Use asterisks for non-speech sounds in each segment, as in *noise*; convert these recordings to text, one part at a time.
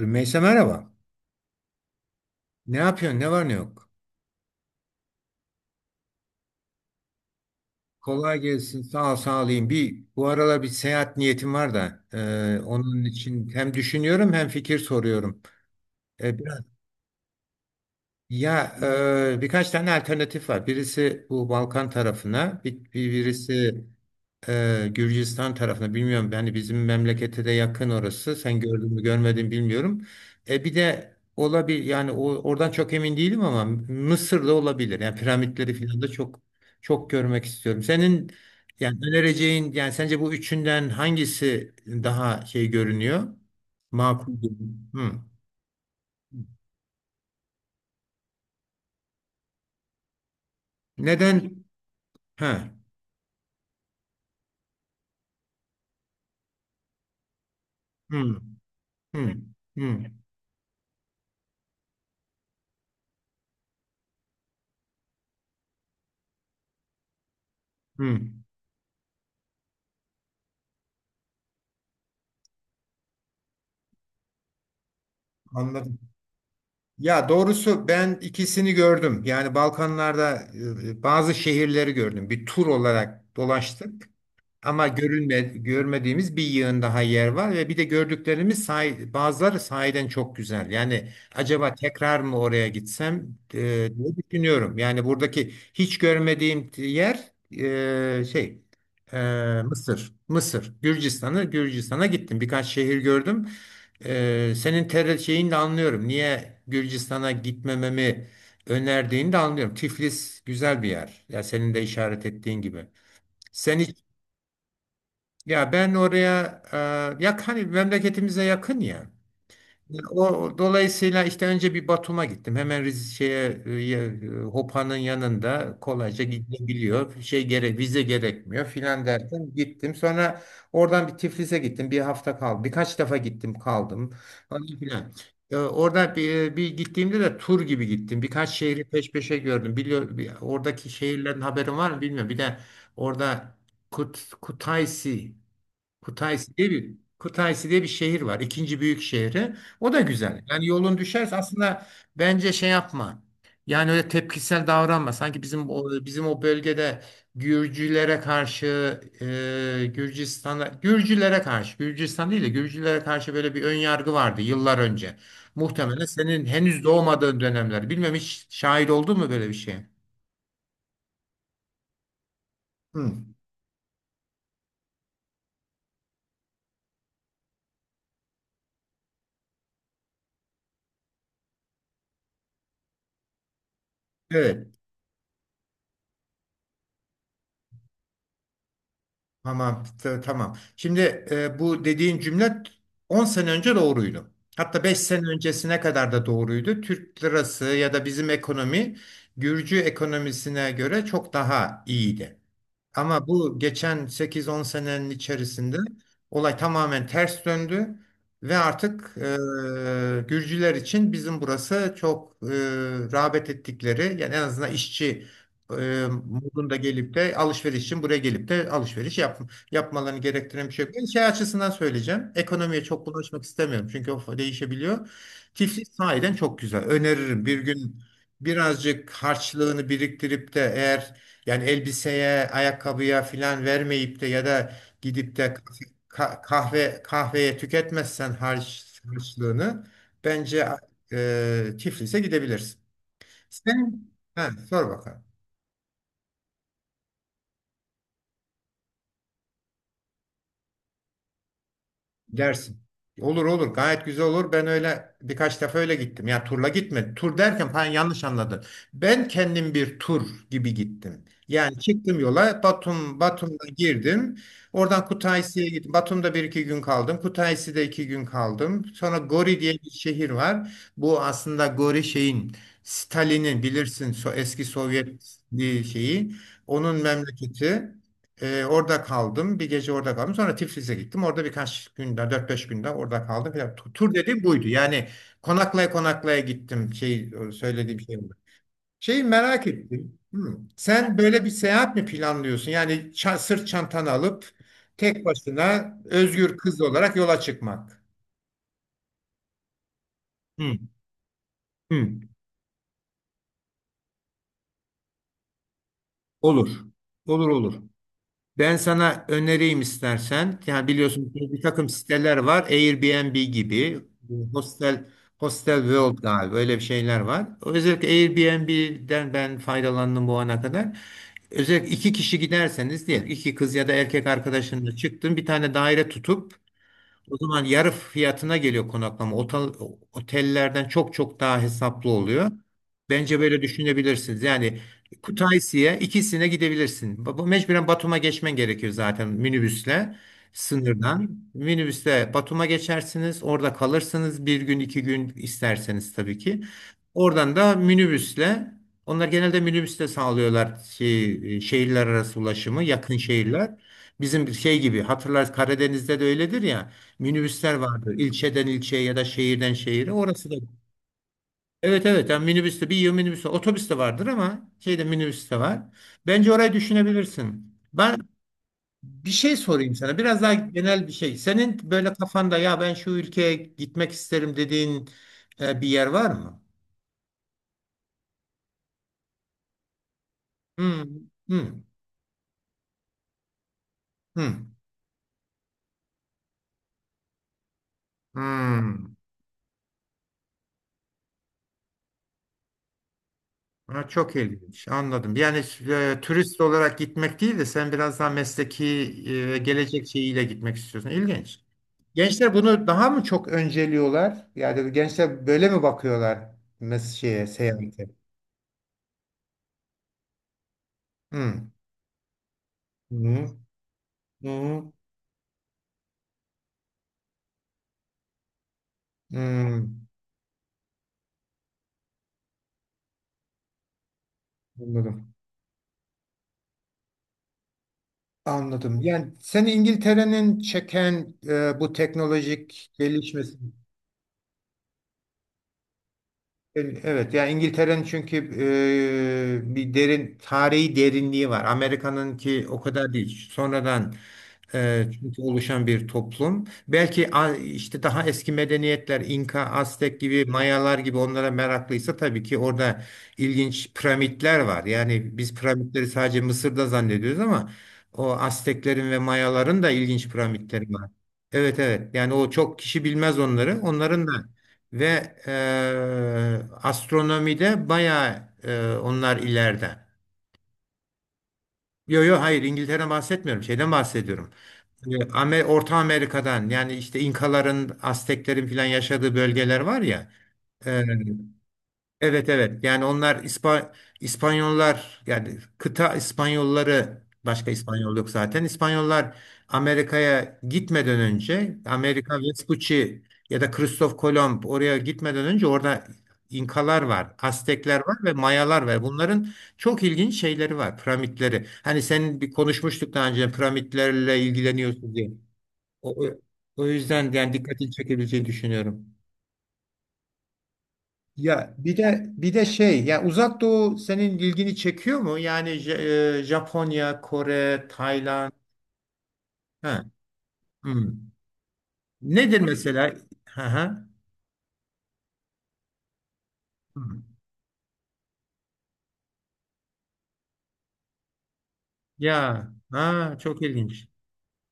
Rümeysa merhaba. Ne yapıyorsun? Ne var ne yok? Kolay gelsin. Sağ ol, sağ olayım. Bir bu aralar bir seyahat niyetim var da onun için hem düşünüyorum hem fikir soruyorum. E, biraz ya birkaç tane alternatif var. Birisi bu Balkan tarafına, birisi Gürcistan tarafına bilmiyorum. Yani bizim memlekete de yakın orası. Sen gördün mü görmedin bilmiyorum. E bir de olabilir yani oradan çok emin değilim ama Mısır'da olabilir. Yani piramitleri falan da çok görmek istiyorum. Senin yani önereceğin yani sence bu üçünden hangisi daha şey görünüyor? Makul görünüyor? Hı. Neden? Ha. Hı. Hı. Hı. Hı. Anladım. Ya doğrusu ben ikisini gördüm. Yani Balkanlarda bazı şehirleri gördüm. Bir tur olarak dolaştık. Ama görünme, görmediğimiz bir yığın daha yer var ve bir de gördüklerimiz sahi- bazıları sahiden çok güzel. Yani acaba tekrar mı oraya gitsem diye düşünüyorum. Yani buradaki hiç görmediğim yer e, şey e, Mısır. Mısır. Gürcistan'a gittim. Birkaç şehir gördüm. Senin ter şeyini de anlıyorum. Niye Gürcistan'a gitmememi önerdiğini de anlıyorum. Tiflis güzel bir yer. Ya senin de işaret ettiğin gibi. Sen hiç ya ben oraya yak hani memleketimize yakın ya. Ya o dolayısıyla işte önce bir Batum'a gittim. Hemen Rize şeye Hopa'nın yanında kolayca gidilebiliyor. Şey gerek vize gerekmiyor filan derken gittim. Sonra oradan bir Tiflis'e gittim. Bir hafta kaldım. Birkaç defa gittim kaldım. Falan filan. Orada bir gittiğimde de tur gibi gittim. Birkaç şehri peş peşe gördüm. Biliyor, bir- oradaki şehirlerin haberin var mı bilmiyorum. Bir de orada Kut, Kutaisi Kutaisi diye bir şehir var. İkinci büyük şehri. O da güzel. Yani yolun düşerse aslında bence şey yapma. Yani öyle tepkisel davranma. Sanki bizim bizim o bölgede Gürcülere karşı Gürcistan değil de Gürcülere karşı böyle bir ön yargı vardı yıllar önce. Muhtemelen senin henüz doğmadığın dönemler. Bilmem hiç şahit oldun mu böyle bir şeye? Hı. Evet. Tamam. Şimdi bu dediğin cümle 10 sene önce doğruydu. Hatta 5 sene öncesine kadar da doğruydu. Türk lirası ya da bizim ekonomi Gürcü ekonomisine göre çok daha iyiydi. Ama bu geçen 8-10 senenin içerisinde olay tamamen ters döndü ve artık Gürcüler için bizim burası rağbet ettikleri yani en azından işçi modunda gelip de alışveriş için buraya gelip de yapmalarını gerektiren bir şey yok. Ben şey açısından söyleyeceğim. Ekonomiye çok bulaşmak istemiyorum. Çünkü o değişebiliyor. Tiflis sahiden çok güzel. Öneririm. Bir gün birazcık harçlığını biriktirip de eğer yani elbiseye, ayakkabıya filan vermeyip de ya da gidip de kahve kahveye tüketmezsen harçlığını bence Tiflis'e gidebilirsin. Sen ha, sor bakalım. Dersin. Olur olur, gayet güzel olur. Ben öyle birkaç defa öyle gittim. Ya turla gitmedim. Tur derken falan yanlış anladın. Ben kendim bir tur gibi gittim. Yani çıktım yola Batum'da girdim. Oradan Kutaisi'ye gittim. Batum'da bir iki gün kaldım. Kutaisi'de iki gün kaldım. Sonra Gori diye bir şehir var. Bu aslında Gori şeyin Stalin'in bilirsin so eski Sovyet bir şeyi. Onun memleketi. Orada kaldım. Bir gece orada kaldım. Sonra Tiflis'e gittim. Orada dört beş günde orada kaldım. Falan. Tur dediğim buydu. Yani konaklaya konaklaya gittim. Şey, söylediğim şey bu. Şeyi merak ettim. Hı. Sen böyle bir seyahat mi planlıyorsun? Yani sırt çantanı alıp tek başına özgür kız olarak yola çıkmak. Hı. Hı. Olur. Olur olur. Ben sana önereyim istersen. Yani biliyorsun ki bir takım siteler var. Airbnb gibi, Hostel, Hostel World galiba öyle bir şeyler var. Özellikle Airbnb'den ben faydalandım bu ana kadar. Özellikle iki kişi giderseniz diyelim iki kız ya da erkek arkadaşınla çıktın bir tane daire tutup o zaman yarı fiyatına geliyor konaklama. Otellerden çok çok daha hesaplı oluyor. Bence böyle düşünebilirsiniz. Yani Kutaisi'ye ikisine gidebilirsin. Bu mecburen Batum'a geçmen gerekiyor zaten minibüsle sınırdan. Minibüsle Batum'a geçersiniz. Orada kalırsınız bir gün iki gün isterseniz tabii ki. Oradan da minibüsle onlar genelde minibüsle sağlıyorlar şey, şehirler arası ulaşımı yakın şehirler. Bizim şey gibi hatırlarsınız Karadeniz'de de öyledir ya. Minibüsler vardı. İlçeden ilçeye ya da şehirden şehire. Orası da. Evet evet. Yani minibüste bir yıl minibüste otobüs de vardır ama şeyde minibüs de var. Bence orayı düşünebilirsin. Ben bir şey sorayım sana. Biraz daha genel bir şey. Senin böyle kafanda ya ben şu ülkeye gitmek isterim dediğin bir yer var mı? Hmm, hmm, hmm, hmm. Ha, çok ilginç. Anladım. Yani turist olarak gitmek değil de sen biraz daha mesleki gelecek şeyiyle gitmek istiyorsun. İlginç. Gençler bunu daha mı çok önceliyorlar? Yani gençler böyle mi bakıyorlar şeye, seyahate? Hmm. Hmm. Hmm. Hmm. Anladım. Anladım. Yani seni İngiltere'nin çeken bu teknolojik gelişmesi. Evet, yani İngiltere'nin çünkü bir derin tarihi derinliği var. Amerika'nınki o kadar değil. Sonradan çünkü oluşan bir toplum. Belki işte daha eski medeniyetler, İnka, Aztek gibi, Mayalar gibi onlara meraklıysa tabii ki orada ilginç piramitler var. Yani biz piramitleri sadece Mısır'da zannediyoruz ama o Azteklerin ve Mayaların da ilginç piramitleri var. Evet evet. Yani o çok kişi bilmez onları. Onların da ve astronomide bayağı onlar ileride. Yo yo hayır İngiltere'den bahsetmiyorum. Şeyden bahsediyorum. Orta Amerika'dan yani işte İnkaların, Azteklerin filan yaşadığı bölgeler var ya. e, Evet evet yani onlar İspanyollar yani kıta İspanyolları başka İspanyol yok zaten. İspanyollar Amerika'ya gitmeden önce Amerika Vespucci ya da Kristof Kolomb oraya gitmeden önce orada İnkalar var, Aztekler var ve Mayalar var. Bunların çok ilginç şeyleri var, piramitleri. Hani senin bir konuşmuştuk daha önce piramitlerle ilgileniyorsun diye. O, o o yüzden yani dikkatini çekebileceğini düşünüyorum. Ya bir de bir de şey ya Uzak Doğu senin ilgini çekiyor mu? Yani Japonya, Kore, Tayland. Ha. Hmm. Nedir mesela? Ha ha. Hmm. Ya ha çok ilginç.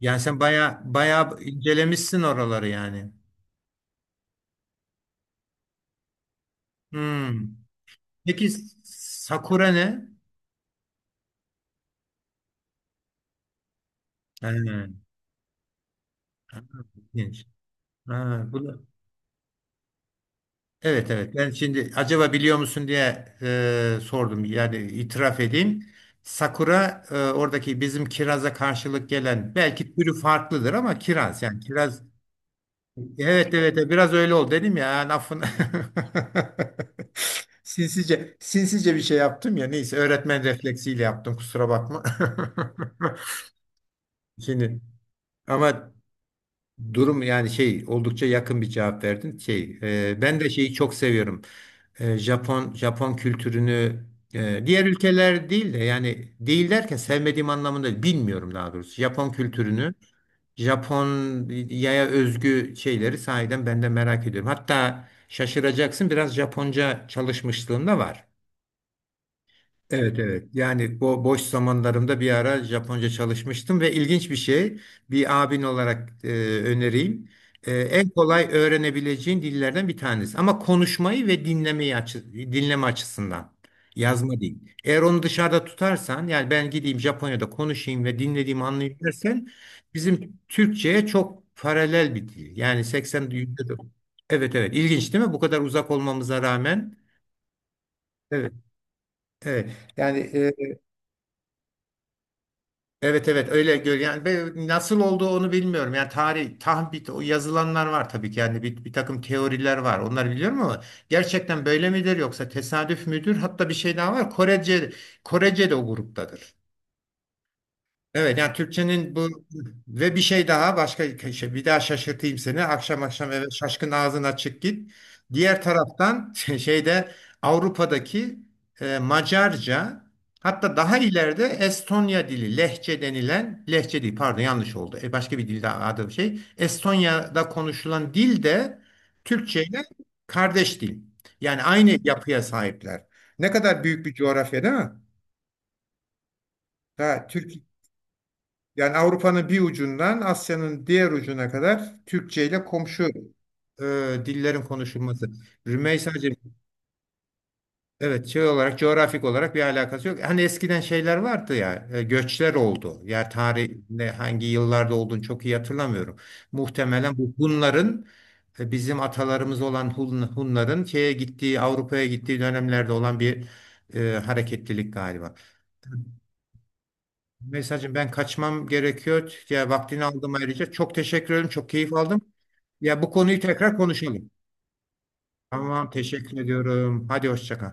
Yani sen baya baya incelemişsin oraları yani. Hmm. Peki sakura ne? Ha, ha, ilginç. Ha, bu da- evet evet ben şimdi acaba biliyor musun diye sordum yani itiraf edeyim. Sakura oradaki bizim kiraza karşılık gelen belki türü farklıdır ama kiraz yani kiraz evet evet evet, biraz öyle oldu dedim ya lafın *laughs* sinsice sinsice bir şey yaptım ya neyse öğretmen refleksiyle yaptım kusura bakma. *laughs* Şimdi ama durum yani şey oldukça yakın bir cevap verdin şey ben de şeyi çok seviyorum. Japon kültürünü diğer ülkeler değil de yani değil derken sevmediğim anlamında değil, bilmiyorum daha doğrusu. Japon kültürünü, Japonya'ya özgü şeyleri sahiden ben de merak ediyorum. Hatta şaşıracaksın biraz Japonca çalışmışlığım da var. Evet evet. Yani bu boş zamanlarımda bir ara Japonca çalışmıştım ve ilginç bir şey bir abin olarak önereyim. En kolay öğrenebileceğin dillerden bir tanesi. Ama konuşmayı ve dinlemeyi dinleme açısından. Yazma değil. Eğer onu dışarıda tutarsan yani ben gideyim Japonya'da konuşayım ve dinlediğimi anlayayım dersen bizim Türkçe'ye çok paralel bir dil. Yani 80 yüzde evet evet. İlginç değil mi? Bu kadar uzak olmamıza rağmen. Evet. Evet. Yani e, evet evet öyle gör yani ben nasıl olduğu onu bilmiyorum. Yani tarih tahmin o yazılanlar var tabii ki yani bir takım teoriler var. Onları biliyorum ama gerçekten böyle midir yoksa tesadüf müdür? Hatta bir şey daha var. Korece de o gruptadır. Evet yani Türkçenin bu ve bir şey daha başka şey bir daha şaşırtayım seni. Akşam akşam eve şaşkın ağzın açık git. Diğer taraftan *laughs* şeyde Avrupa'daki Macarca hatta daha ileride Estonya dili lehçe denilen lehçe değil pardon yanlış oldu. Başka bir dilde adı bir şey. Estonya'da konuşulan dil de Türkçe ile kardeş dil. Yani aynı yapıya sahipler. Ne kadar büyük bir coğrafya değil mi? Ha Türk yani Avrupa'nın bir ucundan Asya'nın diğer ucuna kadar Türkçe ile komşu e, dillerin konuşulması. Rümeysa'cığım evet şey olarak coğrafik olarak bir alakası yok. Hani eskiden şeyler vardı ya göçler oldu. Yer tarihinde hangi yıllarda olduğunu çok iyi hatırlamıyorum. Muhtemelen bu Hunların bizim atalarımız olan Hunların şeye gittiği Avrupa'ya gittiği dönemlerde olan bir hareketlilik galiba. Mesajım ben kaçmam gerekiyor. Ya vaktini aldım ayrıca. Çok teşekkür ederim. Çok keyif aldım. Ya bu konuyu tekrar konuşalım. Tamam, teşekkür ediyorum. Hadi hoşça kal.